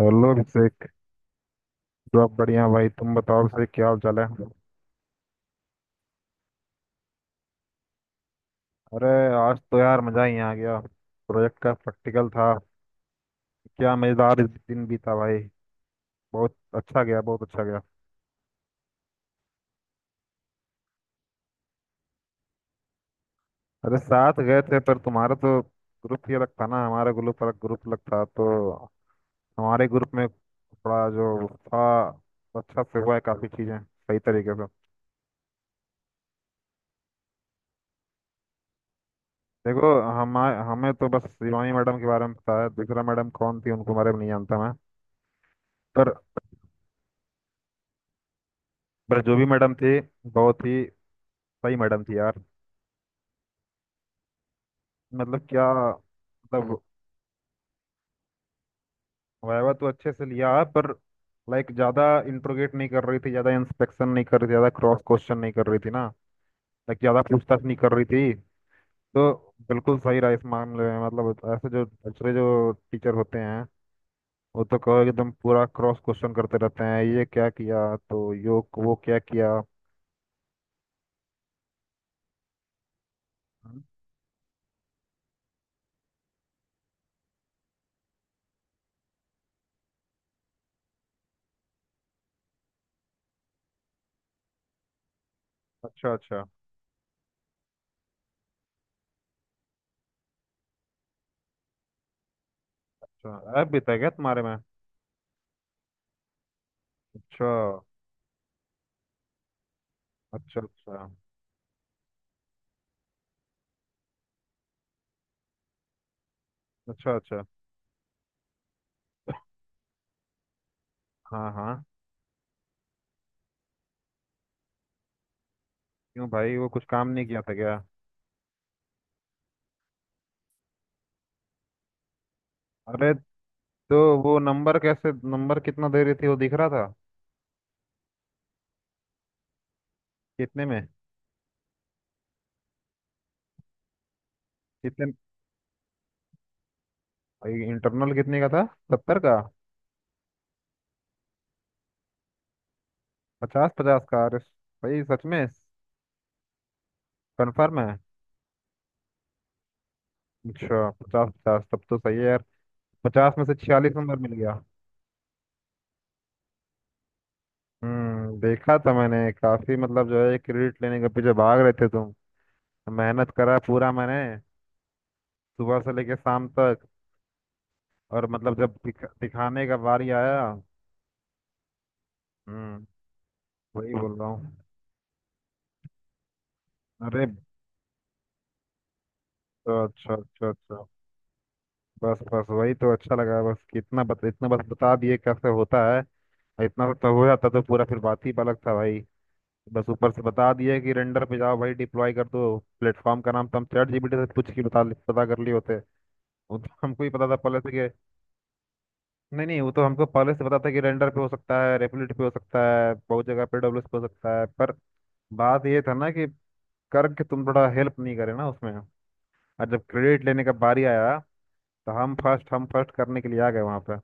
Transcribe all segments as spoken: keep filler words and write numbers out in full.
Hello, Abhishek. सब बढ़िया भाई। तुम बताओ अभिषेक, क्या हाल चाल है? अरे, आज तो यार मजा ही आ गया, प्रोजेक्ट का प्रैक्टिकल था। क्या मजेदार दिन बीता भाई। बहुत अच्छा गया, बहुत अच्छा गया। अरे, साथ गए थे पर तुम्हारा तो ग्रुप ही अलग था ना। हमारा ग्रुप अलग, ग्रुप अलग था, तो हमारे ग्रुप में थोड़ा जो था अच्छा से हुआ है, काफी चीजें सही तरीके से। देखो, हम हमें तो बस शिवानी मैडम के बारे में पता है। दूसरा मैडम कौन थी उनको बारे में नहीं जानता मैं। पर पर जो भी मैडम थी, बहुत ही सही मैडम थी यार। मतलब, क्या मतलब। वायवा तो अच्छे से लिया है, पर लाइक ज़्यादा इंट्रोगेट नहीं कर रही थी, ज़्यादा इंस्पेक्शन नहीं कर रही थी, ज़्यादा क्रॉस क्वेश्चन नहीं कर रही थी ना। लाइक ज़्यादा पूछताछ नहीं कर रही थी, तो बिल्कुल सही रहा इस मामले में। मतलब, ऐसे जो दूसरे जो टीचर होते हैं वो तो कहो एकदम पूरा क्रॉस क्वेश्चन करते रहते हैं, ये क्या किया तो यो वो क्या किया। हम्म। अच्छा, अच्छा। अच्छा ऐप भी था क्या तुम्हारे में? अच्छा अच्छा, अच्छा। अच्छा, अच्छा। हाँ हाँ। क्यों भाई, वो कुछ काम नहीं किया था क्या? अरे, तो वो नंबर कैसे, नंबर कितना दे रही थी वो दिख रहा था? कितने में? कितने? भाई इंटरनल कितने का था, सत्तर का? पचास पचास का? अरे भाई, सच में? कंफर्म है? अच्छा, पचास पचास तब तो सही है यार। पचास में से छियालीस नंबर मिल गया। हम्म देखा था मैंने काफी। मतलब जो है, क्रेडिट लेने के पीछे भाग रहे थे तुम। मेहनत करा पूरा मैंने, सुबह से लेके शाम तक। और मतलब जब दिख, दिखाने का बारी आया। हम्म वही बोल रहा हूँ। अरे, तो अच्छा, अच्छा, अच्छा। बस बस वही तो अच्छा लगा, बस कि इतना बत, इतना बस बता दिए कैसे होता है। और इतना सब हो जाता तो पूरा फिर बात ही अलग था भाई। बस ऊपर से बता दिए कि रेंडर पे जाओ भाई, डिप्लॉय कर दो। प्लेटफॉर्म का नाम तो हम चैट जीपीटी से पूछ के बता, पता कर लिए होते। वो तो हमको ही पता था पहले से कि। नहीं नहीं, वो तो हमको पहले से पता था कि रेंडर पे हो सकता है, रेपलिट पे हो सकता है, बहुत जगह पे डब्ल्यूएस पे हो सकता है। पर बात ये था ना, कि करके तुम थोड़ा हेल्प नहीं करे ना उसमें। और जब क्रेडिट लेने का बारी आया, तो हम फर्स्ट हम फर्स्ट करने के लिए आ गए वहां पे।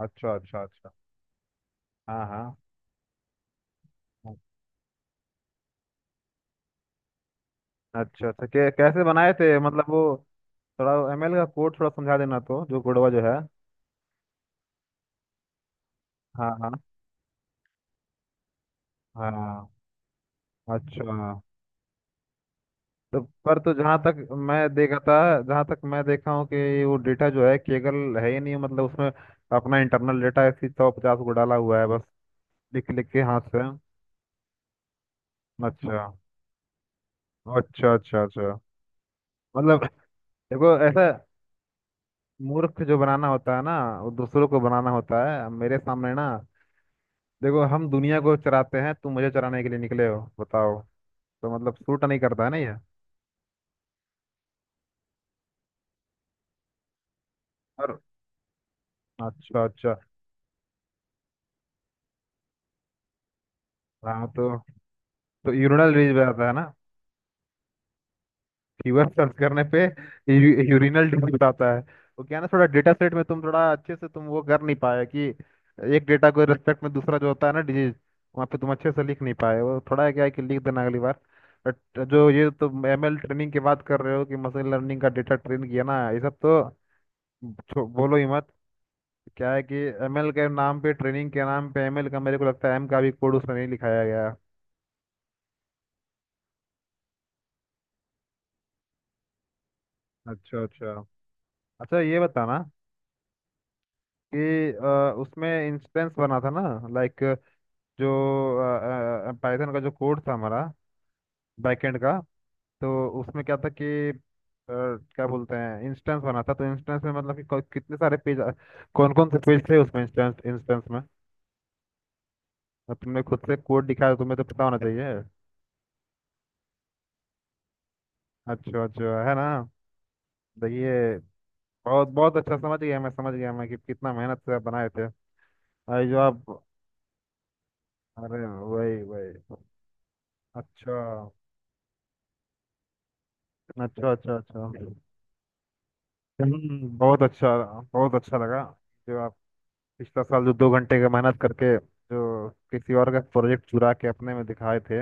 अच्छा, अच्छा, अच्छा। हाँ हाँ। अच्छा, अच्छा, कै, कैसे बनाए थे मतलब वो? थोड़ा एमएल का कोड थोड़ा समझा देना, तो जो कोडवा जो है। हाँ हाँ। हाँ। अच्छा। तो पर तो जहाँ तक मैं देखा था, जहाँ तक मैं देखा हूँ कि वो डेटा जो है केगल है ही नहीं। मतलब उसमें अपना इंटरनल डेटा ऐसी सौ पचास को डाला हुआ है बस, लिख लिख के हाथ से। अच्छा, अच्छा, अच्छा। अच्छा, मतलब देखो, ऐसा मूर्ख जो बनाना होता है ना, वो दूसरों को बनाना होता है, अब मेरे सामने ना। देखो, हम दुनिया को चराते हैं, तुम मुझे चराने के लिए निकले हो, बताओ। तो मतलब सूट नहीं करता है ना ये। और अच्छा, अच्छा। हाँ, तो तो यूरिनल रिज पे आता है ना, यूआर सर्च करने पे यूरिनल डिजीज आता है। तो क्या है ना, थोड़ा डेटा सेट में तुम थोड़ा अच्छे से, तुम वो कर नहीं पाए कि एक डेटा को रिस्पेक्ट में दूसरा जो होता है ना डिजीज, वहाँ पे तुम अच्छे से लिख नहीं पाए। वो थोड़ा है, क्या है कि लिख देना अगली बार। बट जो ये तुम एमएल ट्रेनिंग की बात कर रहे हो कि मशीन लर्निंग का डेटा ट्रेन किया ना, ये सब तो छो- बोलो ही मत। क्या है कि एमएल के नाम पे, ट्रेनिंग के नाम पे, एमएल का मेरे को लगता है एम का भी कोड उसमें नहीं लिखाया गया। अच्छा, अच्छा, अच्छा। ये बताना कि अ, उसमें इंस्टेंस बना था ना। लाइक जो पाइथन का जो कोड था हमारा, बैकएंड का, तो उसमें क्या था कि अ, क्या बोलते हैं, इंस्टेंस बना था, तो इंस्टेंस में मतलब कि कौ- कितने सारे पेज, कौन कौन से पेज थे उसमें, इंस्टेंस इंस्टेंस में? अब तुमने खुद से कोड दिखाया तो तुम्हें तो पता होना चाहिए। अच्छा, अच्छा, है ना। देखिए, बहुत बहुत अच्छा। समझ गया मैं, समझ गया मैं कि कितना मेहनत से आप बनाए थे। अरे, जो आप। अरे, वही वही। अच्छा, अच्छा, अच्छा। अच्छा। हम्म, बहुत अच्छा, बहुत अच्छा लगा जो आप पिछला साल जो दो घंटे का मेहनत करके जो किसी और का प्रोजेक्ट चुरा के अपने में दिखाए थे।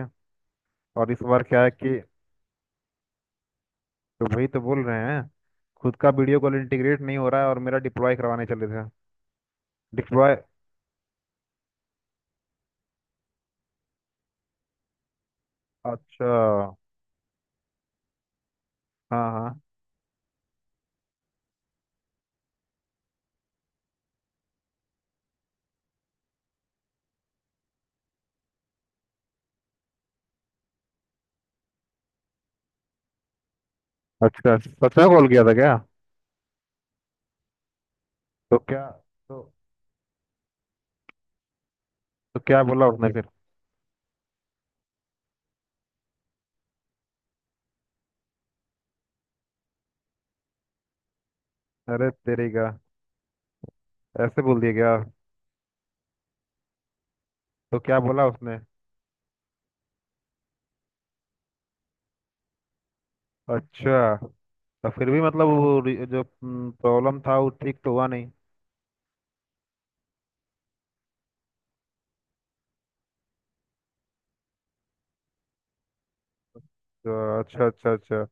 और इस बार क्या है कि तो वही तो बोल रहे हैं। खुद का वीडियो कॉल इंटीग्रेट नहीं हो रहा है और मेरा डिप्लॉय करवाने चले थे। डिप्लॉय। अच्छा। हाँ हाँ। अच्छा, सच में कॉल किया था क्या? तो क्या? तो, तो क्या बोला उसने फिर? अरे तेरी का। ऐसे बोल दिया क्या? तो क्या बोला उसने? अच्छा। तो फिर भी मतलब वो रि- जो प्रॉब्लम था वो ठीक तो हुआ नहीं। तो अच्छा, अच्छा, अच्छा।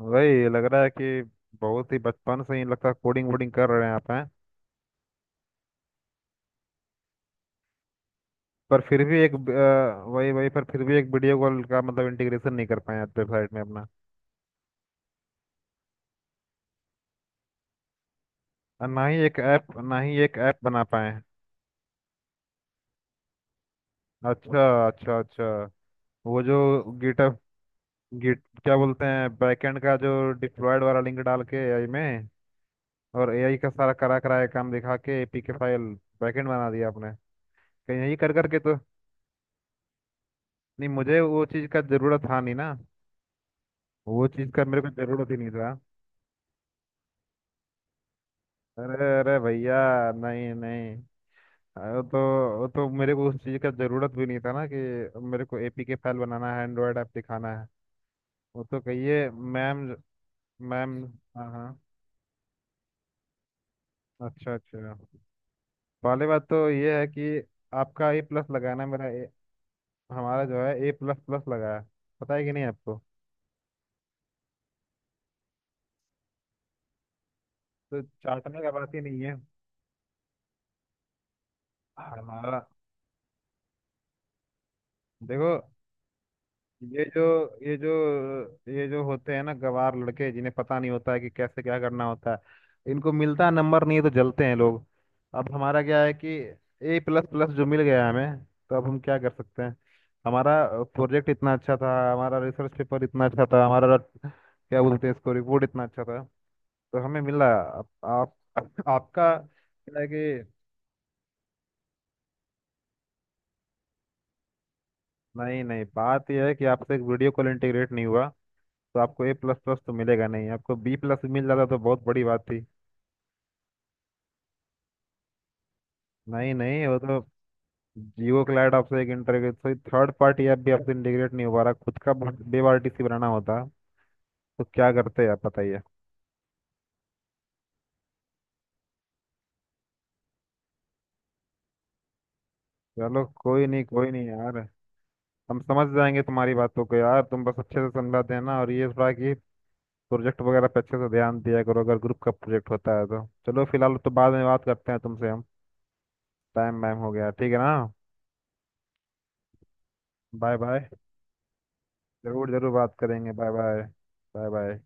वही लग रहा है कि बहुत ही बचपन से ही लगता है कोडिंग वोडिंग कर रहे हैं आप हैं। पर फिर भी एक ब- अ, वही वही। पर फिर भी एक वीडियो कॉल का मतलब इंटीग्रेशन नहीं कर पाए वेबसाइट में अपना। और ना ही एक ऐप, ना ही एक ऐप बना पाए। अच्छा, अच्छा, अच्छा। वो जो गिटअप, गिट क्या बोलते हैं, बैकएंड का जो डिप्लॉयड वाला लिंक डाल के एआई में, और एआई का सारा करा कराया काम दिखा के एपीके फाइल बैकएंड बना दिया आपने कहीं, यही कर करके तो? नहीं, मुझे वो चीज़ का जरूरत था नहीं ना। वो चीज़ का मेरे को जरूरत ही नहीं था। अरे, अरे भैया। नहीं नहीं। अरे, तो वो तो मेरे को उस चीज़ का जरूरत भी नहीं था ना कि मेरे को एपीके फाइल बनाना है, एंड्रॉयड ऐप दिखाना है। वो तो कहिए मैम। मैम। हाँ हाँ। अच्छा, अच्छा। पहली बात तो ये है कि आपका ए प्लस लगा है ना, मेरा ए, हमारा जो है ए प्लस प्लस लगा है। पता है कि नहीं आपको? तो चाटने का बात ही नहीं है। हमारा देखो, ये जो, ये जो, ये जो होते हैं ना गवार लड़के जिन्हें पता नहीं होता है कि कैसे क्या करना होता है, इनको मिलता नंबर नहीं है तो जलते हैं लोग। अब हमारा क्या है कि ए प्लस प्लस जो मिल गया हमें, तो अब हम क्या कर सकते हैं। हमारा प्रोजेक्ट इतना अच्छा था, हमारा रिसर्च पेपर इतना अच्छा था, हमारा क्या बोलते हैं इसको, रिपोर्ट इतना अच्छा था, तो हमें मिला। आप, आप आपका क्या है कि नहीं नहीं, बात यह है कि आपसे एक वीडियो कॉल इंटीग्रेट नहीं हुआ, तो आपको ए प्लस प्लस तो मिलेगा नहीं, आपको बी प्लस मिल जाता तो बहुत बड़ी बात थी। नहीं नहीं, वो तो जियो क्लाइड आपसे एक interview, sorry third party app भी आपसे इंटीग्रेट नहीं हो पा रहा, खुद का वेब आरटीसी बनाना होता तो क्या करते आप बताइए? चलो, कोई नहीं, कोई नहीं यार। हम समझ जाएंगे तुम्हारी बातों को यार, तुम बस अच्छे से समझाते हैं ना। और ये थोड़ा कि प्रोजेक्ट वगैरह पे अच्छे से ध्यान दिया करो अगर ग्रुप का प्रोजेक्ट होता है तो। चलो, फिलहाल तो बाद में बात करते हैं तुमसे हम, टाइम वाइम हो गया, ठीक है ना। Bye bye. जरूर जरूर बात करेंगे। Bye bye. Bye bye.